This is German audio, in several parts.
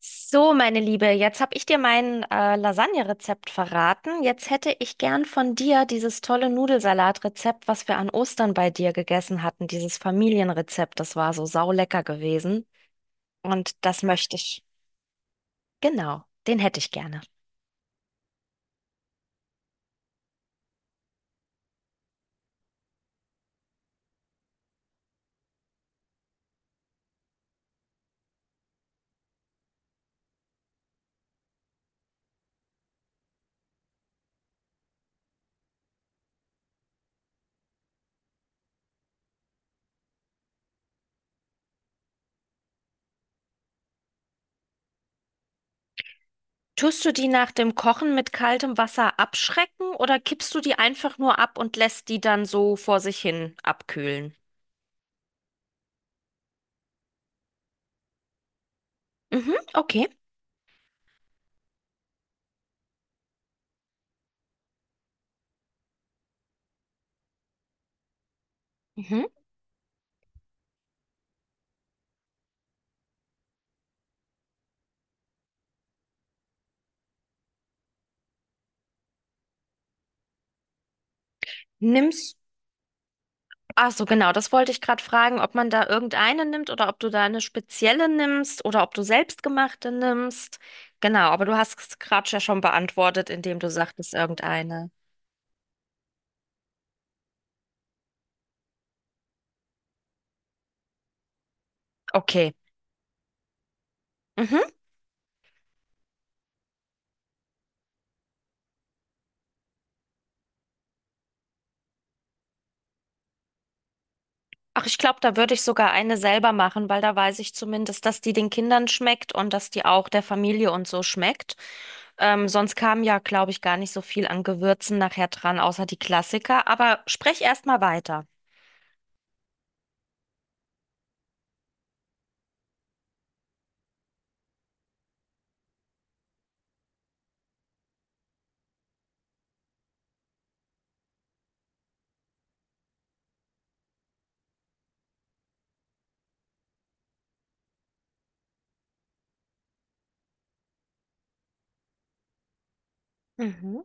So, meine Liebe, jetzt habe ich dir mein Lasagne-Rezept verraten. Jetzt hätte ich gern von dir dieses tolle Nudelsalat-Rezept, was wir an Ostern bei dir gegessen hatten, dieses Familienrezept. Das war so saulecker gewesen. Und das möchte ich. Genau, den hätte ich gerne. Tust du die nach dem Kochen mit kaltem Wasser abschrecken oder kippst du die einfach nur ab und lässt die dann so vor sich hin abkühlen? Mhm, okay. Mhm. Nimmst. Ach so, genau, das wollte ich gerade fragen, ob man da irgendeine nimmt oder ob du da eine spezielle nimmst oder ob du selbstgemachte nimmst. Genau, aber du hast es gerade ja schon beantwortet, indem du sagtest irgendeine. Okay. Mhm. Ach, ich glaube, da würde ich sogar eine selber machen, weil da weiß ich zumindest, dass die den Kindern schmeckt und dass die auch der Familie und so schmeckt. Sonst kam ja, glaube ich, gar nicht so viel an Gewürzen nachher dran, außer die Klassiker. Aber sprech erst mal weiter. Mhm.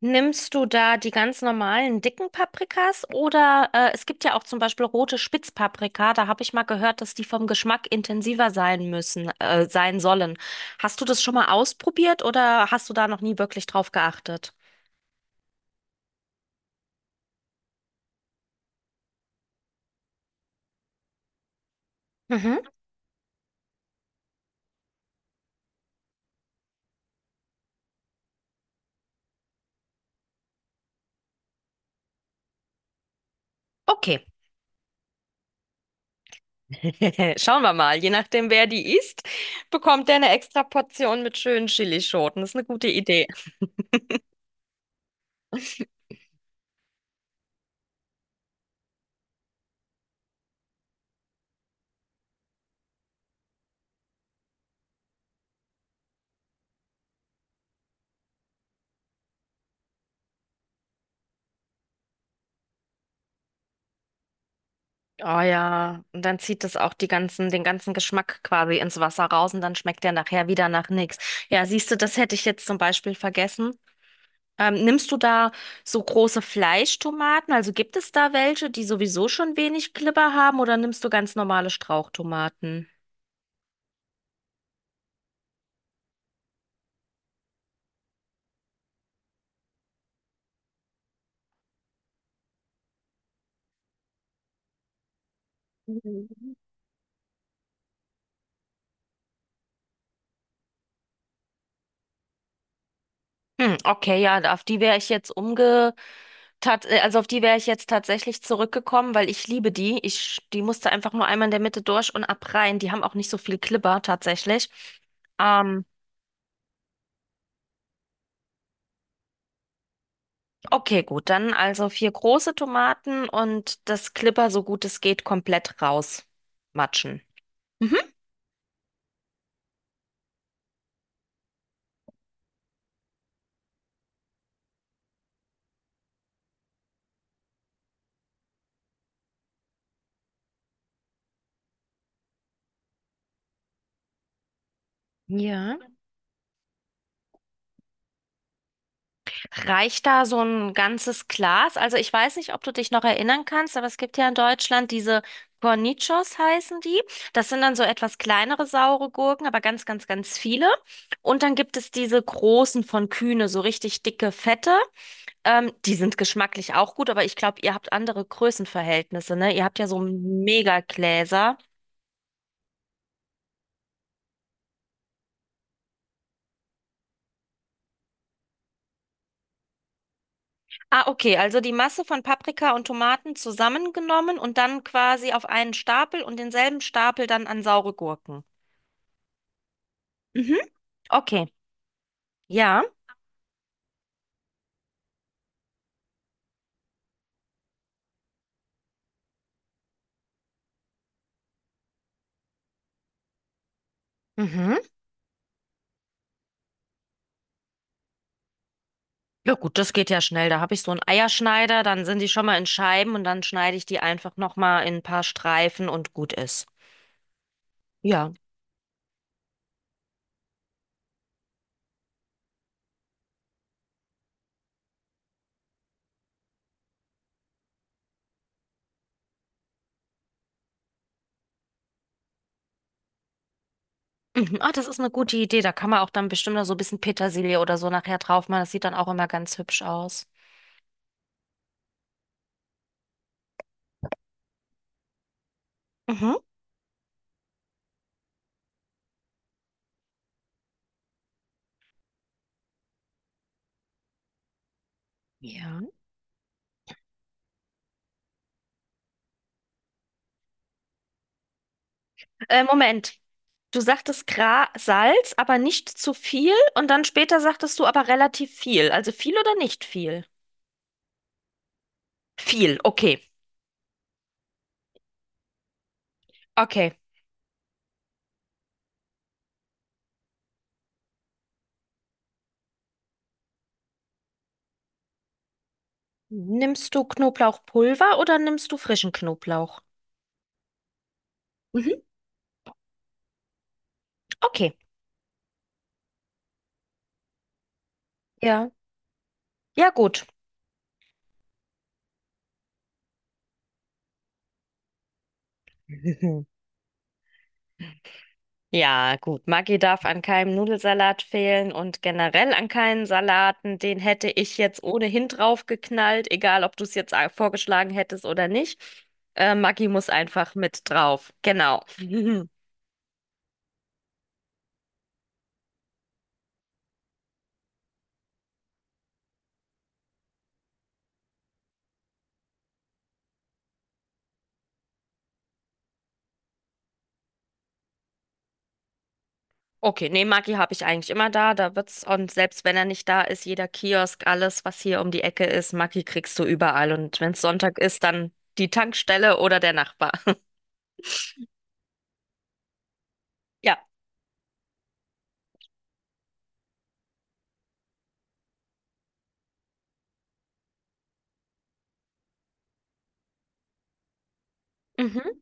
Nimmst du da die ganz normalen dicken Paprikas oder es gibt ja auch zum Beispiel rote Spitzpaprika, da habe ich mal gehört, dass die vom Geschmack intensiver sein müssen, sein sollen. Hast du das schon mal ausprobiert oder hast du da noch nie wirklich drauf geachtet? Mhm. Okay. Schauen wir mal. Je nachdem, wer die isst, bekommt der eine extra Portion mit schönen Chilischoten. Das ist eine gute Idee. Oh ja, und dann zieht es auch die ganzen, den ganzen Geschmack quasi ins Wasser raus und dann schmeckt der nachher wieder nach nichts. Ja, siehst du, das hätte ich jetzt zum Beispiel vergessen. Nimmst du da so große Fleischtomaten? Also gibt es da welche, die sowieso schon wenig Glibber haben oder nimmst du ganz normale Strauchtomaten? Hm, okay, ja, auf die wäre ich jetzt also auf die wäre ich jetzt tatsächlich zurückgekommen, weil ich liebe die. Ich, die musste einfach nur einmal in der Mitte durch und ab rein. Die haben auch nicht so viel Glibber tatsächlich. Ähm, Okay, gut, dann also vier große Tomaten und das Klipper, so gut es geht, komplett rausmatschen. Mhm. Ja. Reicht da so ein ganzes Glas? Also ich weiß nicht, ob du dich noch erinnern kannst, aber es gibt ja in Deutschland diese Cornichons heißen die. Das sind dann so etwas kleinere saure Gurken, aber ganz, ganz, ganz viele. Und dann gibt es diese großen von Kühne, so richtig dicke, fette. Die sind geschmacklich auch gut, aber ich glaube, ihr habt andere Größenverhältnisse, ne? Ihr habt ja so Megagläser. Ah, okay, also die Masse von Paprika und Tomaten zusammengenommen und dann quasi auf einen Stapel und denselben Stapel dann an saure Gurken. Mhm, okay, ja. Mhm. Ja gut, das geht ja schnell. Da habe ich so einen Eierschneider, dann sind die schon mal in Scheiben und dann schneide ich die einfach nochmal in ein paar Streifen und gut ist. Ja. Mhm. Ah, das ist eine gute Idee. Da kann man auch dann bestimmt noch so ein bisschen Petersilie oder so nachher drauf machen. Das sieht dann auch immer ganz hübsch aus. Mhm. Ja. Moment. Du sagtest Gra Salz, aber nicht zu viel. Und dann später sagtest du aber relativ viel. Also viel oder nicht viel? Viel, okay. Okay. Nimmst du Knoblauchpulver oder nimmst du frischen Knoblauch? Mhm, okay. Ja. Ja, gut. Ja, gut. Maggi darf an keinem Nudelsalat fehlen und generell an keinen Salaten. Den hätte ich jetzt ohnehin draufgeknallt, egal ob du es jetzt vorgeschlagen hättest oder nicht. Maggi muss einfach mit drauf. Genau. Okay, nee, Maggi habe ich eigentlich immer da. Da wird's, und selbst wenn er nicht da ist, jeder Kiosk, alles, was hier um die Ecke ist, Maggi kriegst du überall. Und wenn's Sonntag ist, dann die Tankstelle oder der Nachbar. Ja. Mhm.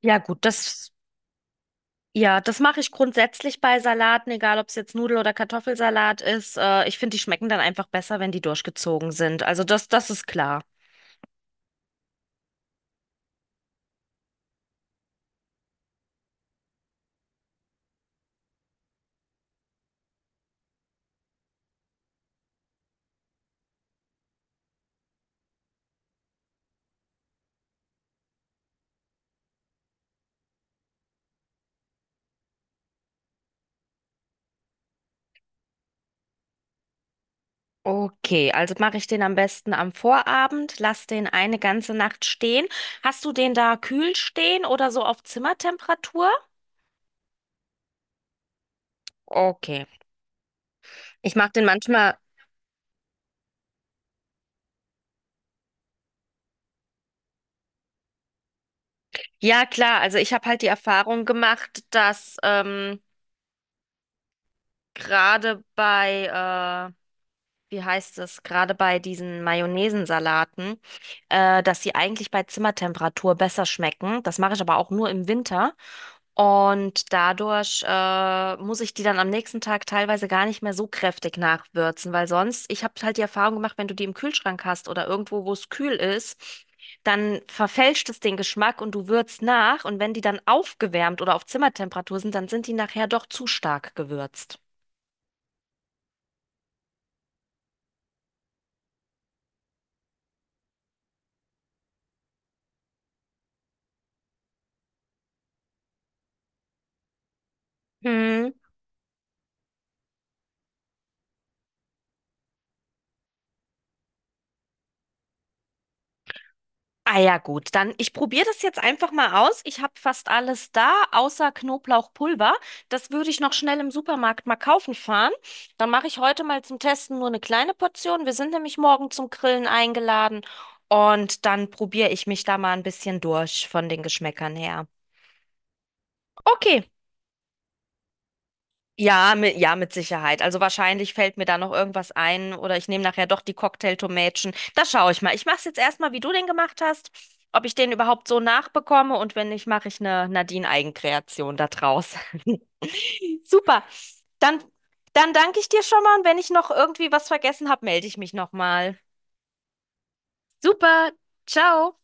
Ja, gut, das, ja, das mache ich grundsätzlich bei Salaten, egal ob es jetzt Nudel- oder Kartoffelsalat ist. Ich finde, die schmecken dann einfach besser, wenn die durchgezogen sind. Also das, das ist klar. Okay, also mache ich den am besten am Vorabend, lass den eine ganze Nacht stehen. Hast du den da kühl stehen oder so auf Zimmertemperatur? Okay. Ich mache den manchmal. Ja, klar, also ich habe halt die Erfahrung gemacht, dass gerade wie heißt es, gerade bei diesen Mayonnaisensalaten, dass sie eigentlich bei Zimmertemperatur besser schmecken. Das mache ich aber auch nur im Winter. Und dadurch muss ich die dann am nächsten Tag teilweise gar nicht mehr so kräftig nachwürzen, weil sonst, ich habe halt die Erfahrung gemacht, wenn du die im Kühlschrank hast oder irgendwo, wo es kühl ist, dann verfälscht es den Geschmack und du würzt nach. Und wenn die dann aufgewärmt oder auf Zimmertemperatur sind, dann sind die nachher doch zu stark gewürzt. Hm. Ah ja, gut, dann ich probiere das jetzt einfach mal aus. Ich habe fast alles da, außer Knoblauchpulver. Das würde ich noch schnell im Supermarkt mal kaufen fahren. Dann mache ich heute mal zum Testen nur eine kleine Portion. Wir sind nämlich morgen zum Grillen eingeladen und dann probiere ich mich da mal ein bisschen durch von den Geschmäckern her. Okay. Ja, mit Sicherheit. Also wahrscheinlich fällt mir da noch irgendwas ein oder ich nehme nachher doch die Cocktailtomätchen. Da schaue ich mal. Ich mache es jetzt erstmal, wie du den gemacht hast, ob ich den überhaupt so nachbekomme und wenn nicht, mache ich eine Nadine-Eigenkreation da draus. Super. Dann, dann danke ich dir schon mal und wenn ich noch irgendwie was vergessen habe, melde ich mich nochmal. Super. Ciao.